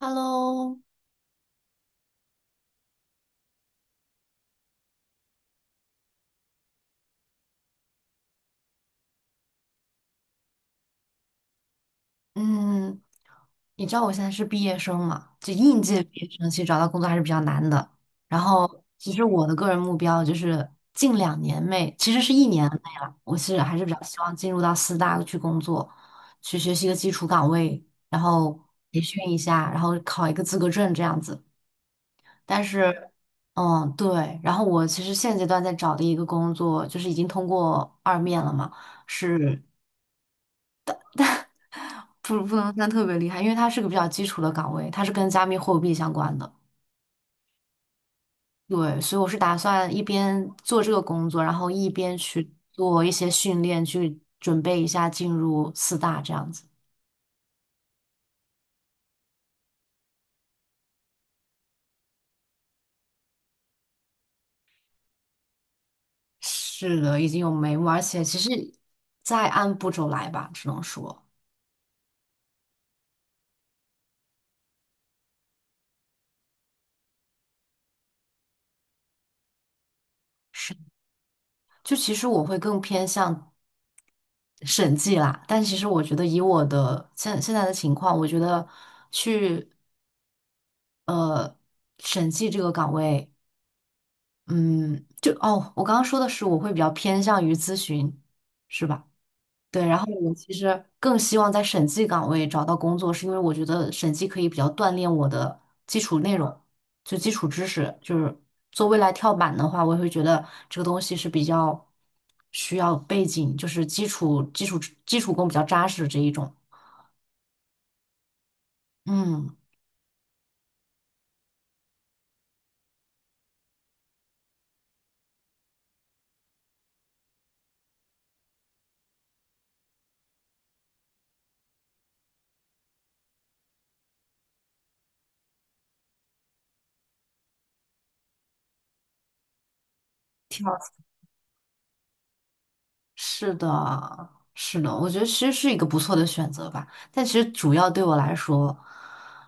Hello，嗯，你知道我现在是毕业生嘛？就应届毕业生，其实找到工作还是比较难的。然后，其实我的个人目标就是近2年内，其实是1年内了，我是还是比较希望进入到四大去工作，去学习一个基础岗位，然后培训一下，然后考一个资格证这样子。但是，嗯，对。然后我其实现阶段在找的一个工作，就是已经通过二面了嘛，是，不能算特别厉害，因为它是个比较基础的岗位，它是跟加密货币相关的。对，所以我是打算一边做这个工作，然后一边去做一些训练，去准备一下进入四大这样子。是的，已经有眉目，而且其实再按步骤来吧，只能说是。就其实我会更偏向审计啦，但其实我觉得以我的现在的情况，我觉得去呃审计这个岗位。嗯，就哦，我刚刚说的是我会比较偏向于咨询，是吧？对，然后我其实更希望在审计岗位找到工作，是因为我觉得审计可以比较锻炼我的基础内容，就基础知识，就是做未来跳板的话，我也会觉得这个东西是比较需要背景，就是基础功比较扎实这一种。嗯，跳。是的，是的，我觉得其实是一个不错的选择吧。但其实主要对我来说，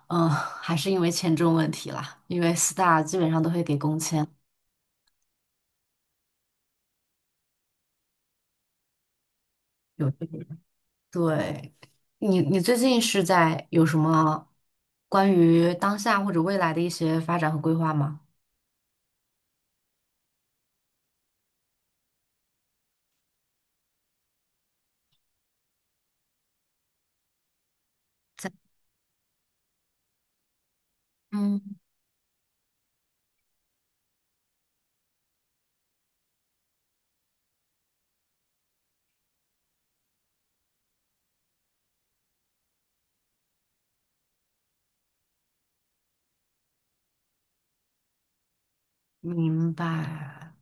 还是因为签证问题啦。因为四大基本上都会给工签，有这个人对，你最近是在有什么关于当下或者未来的一些发展和规划吗？在嗯明白，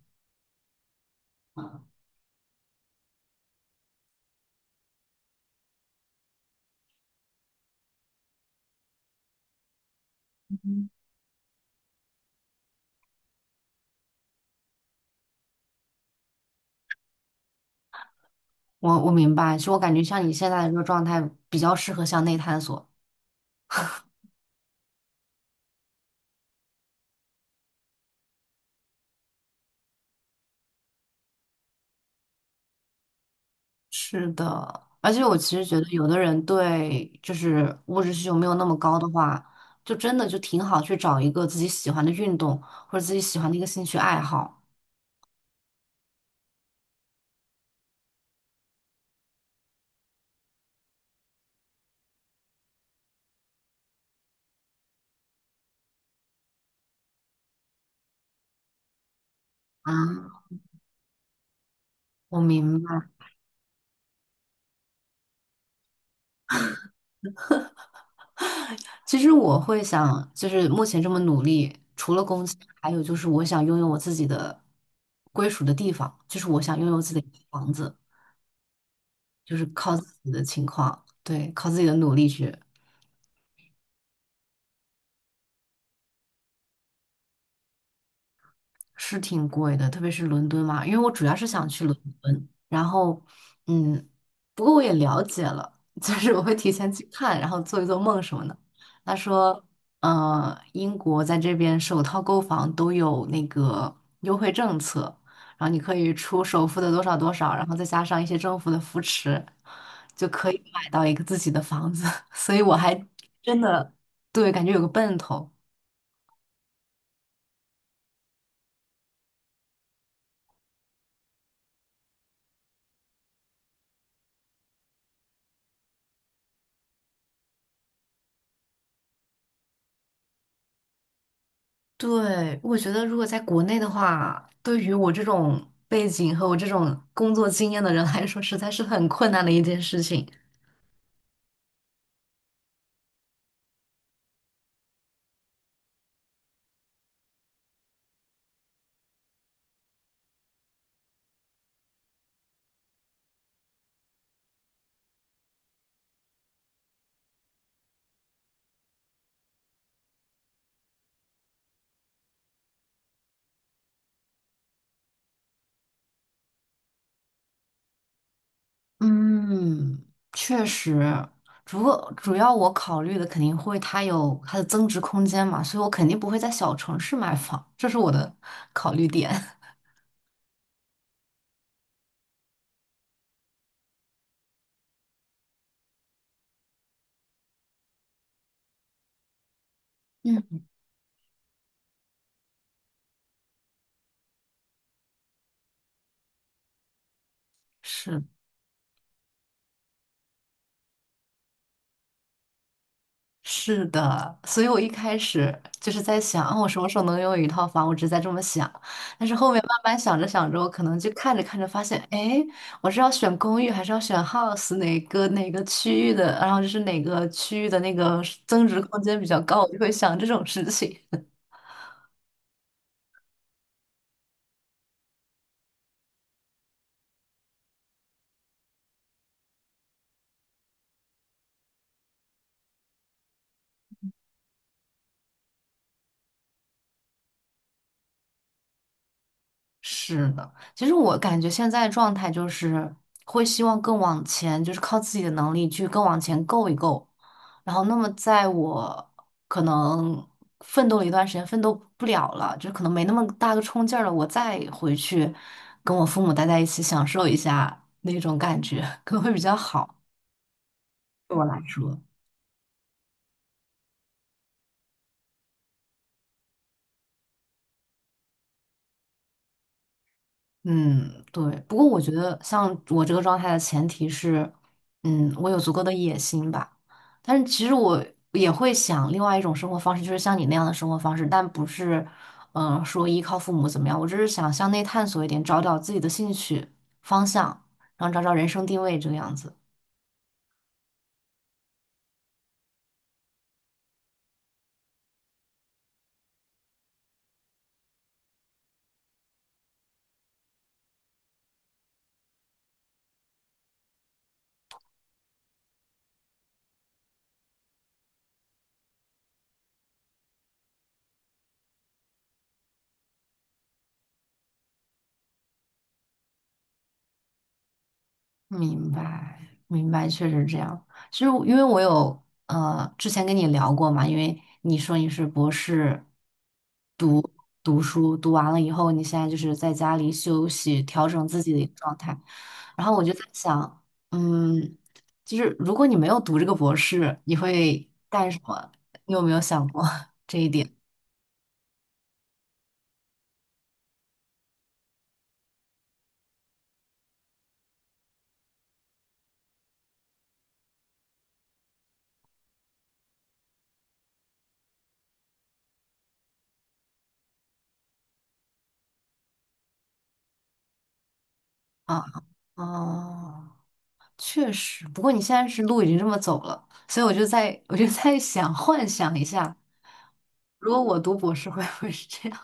嗯我明白。其实我感觉像你现在的这个状态，比较适合向内探索。是的，而且我其实觉得，有的人对就是物质需求没有那么高的话，就真的就挺好去找一个自己喜欢的运动或者自己喜欢的一个兴趣爱好。啊，我明白。其实我会想，就是目前这么努力，除了工资，还有就是我想拥有我自己的归属的地方，就是我想拥有自己的房子，就是靠自己的情况，对，靠自己的努力去。是挺贵的，特别是伦敦嘛，因为我主要是想去伦敦，然后，嗯，不过我也了解了，就是我会提前去看，然后做一做梦什么的。他说，英国在这边首套购房都有那个优惠政策，然后你可以出首付的多少多少，然后再加上一些政府的扶持，就可以买到一个自己的房子。所以我还真的，对，感觉有个奔头。对，我觉得如果在国内的话，对于我这种背景和我这种工作经验的人来说，实在是很困难的一件事情。嗯，确实，主主要我考虑的肯定会它有它的增值空间嘛，所以我肯定不会在小城市买房，这是我的考虑点。嗯，是。是的，所以我一开始就是在想，啊，我什么时候能拥有一套房？我只是在这么想，但是后面慢慢想着想着，我可能就看着看着发现，哎，我是要选公寓还是要选 house 哪个区域的？然后就是哪个区域的那个增值空间比较高，我就会想这种事情。是的，其实我感觉现在状态就是会希望更往前，就是靠自己的能力去更往前够一够。然后，那么在我可能奋斗了一段时间，奋斗不了了，就可能没那么大个冲劲儿了，我再回去跟我父母待在一起，享受一下那种感觉，可能会比较好，对我来说。嗯，对。不过我觉得，像我这个状态的前提是，嗯，我有足够的野心吧。但是其实我也会想另外一种生活方式，就是像你那样的生活方式，但不是，说依靠父母怎么样。我只是想向内探索一点，找找自己的兴趣方向，然后找找人生定位这个样子。明白，明白，确实这样。其实我因为我有之前跟你聊过嘛，因为你说你是博士。读书，读完了以后，你现在就是在家里休息，调整自己的一个状态。然后我就在想，嗯，就是如果你没有读这个博士，你会干什么？你有没有想过 这一点啊？哦，确实。不过你现在是路已经这么走了，所以我就在想，幻想一下，如果我读博士会不会是这样？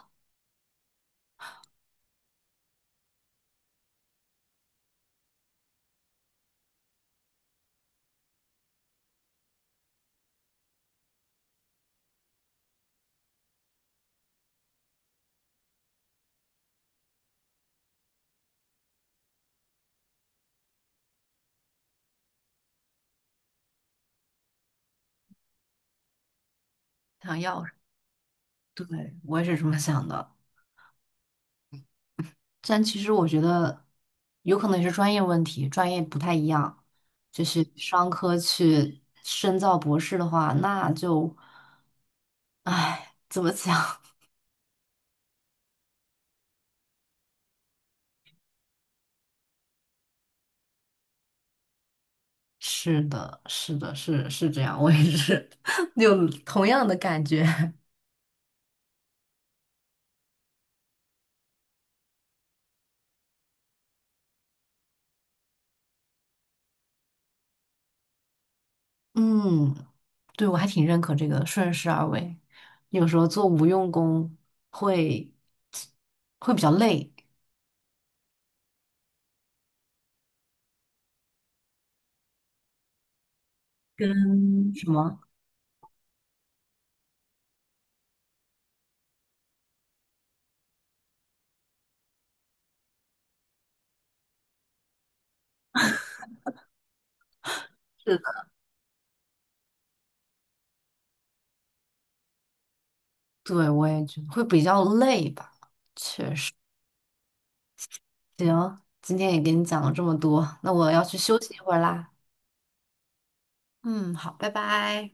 想要，对，我也是这么想的。但其实我觉得有可能也是专业问题，专业不太一样。就是商科去深造博士的话，那就，唉，怎么讲？是的，是的，是是这样，我也是 有同样的感觉。嗯，对，我还挺认可这个顺势而为。有时候做无用功会会比较累，跟什么？是的，对，我也觉得会比较累吧。行，今天也给你讲了这么多，那我要去休息一会儿啦。嗯，好，拜拜。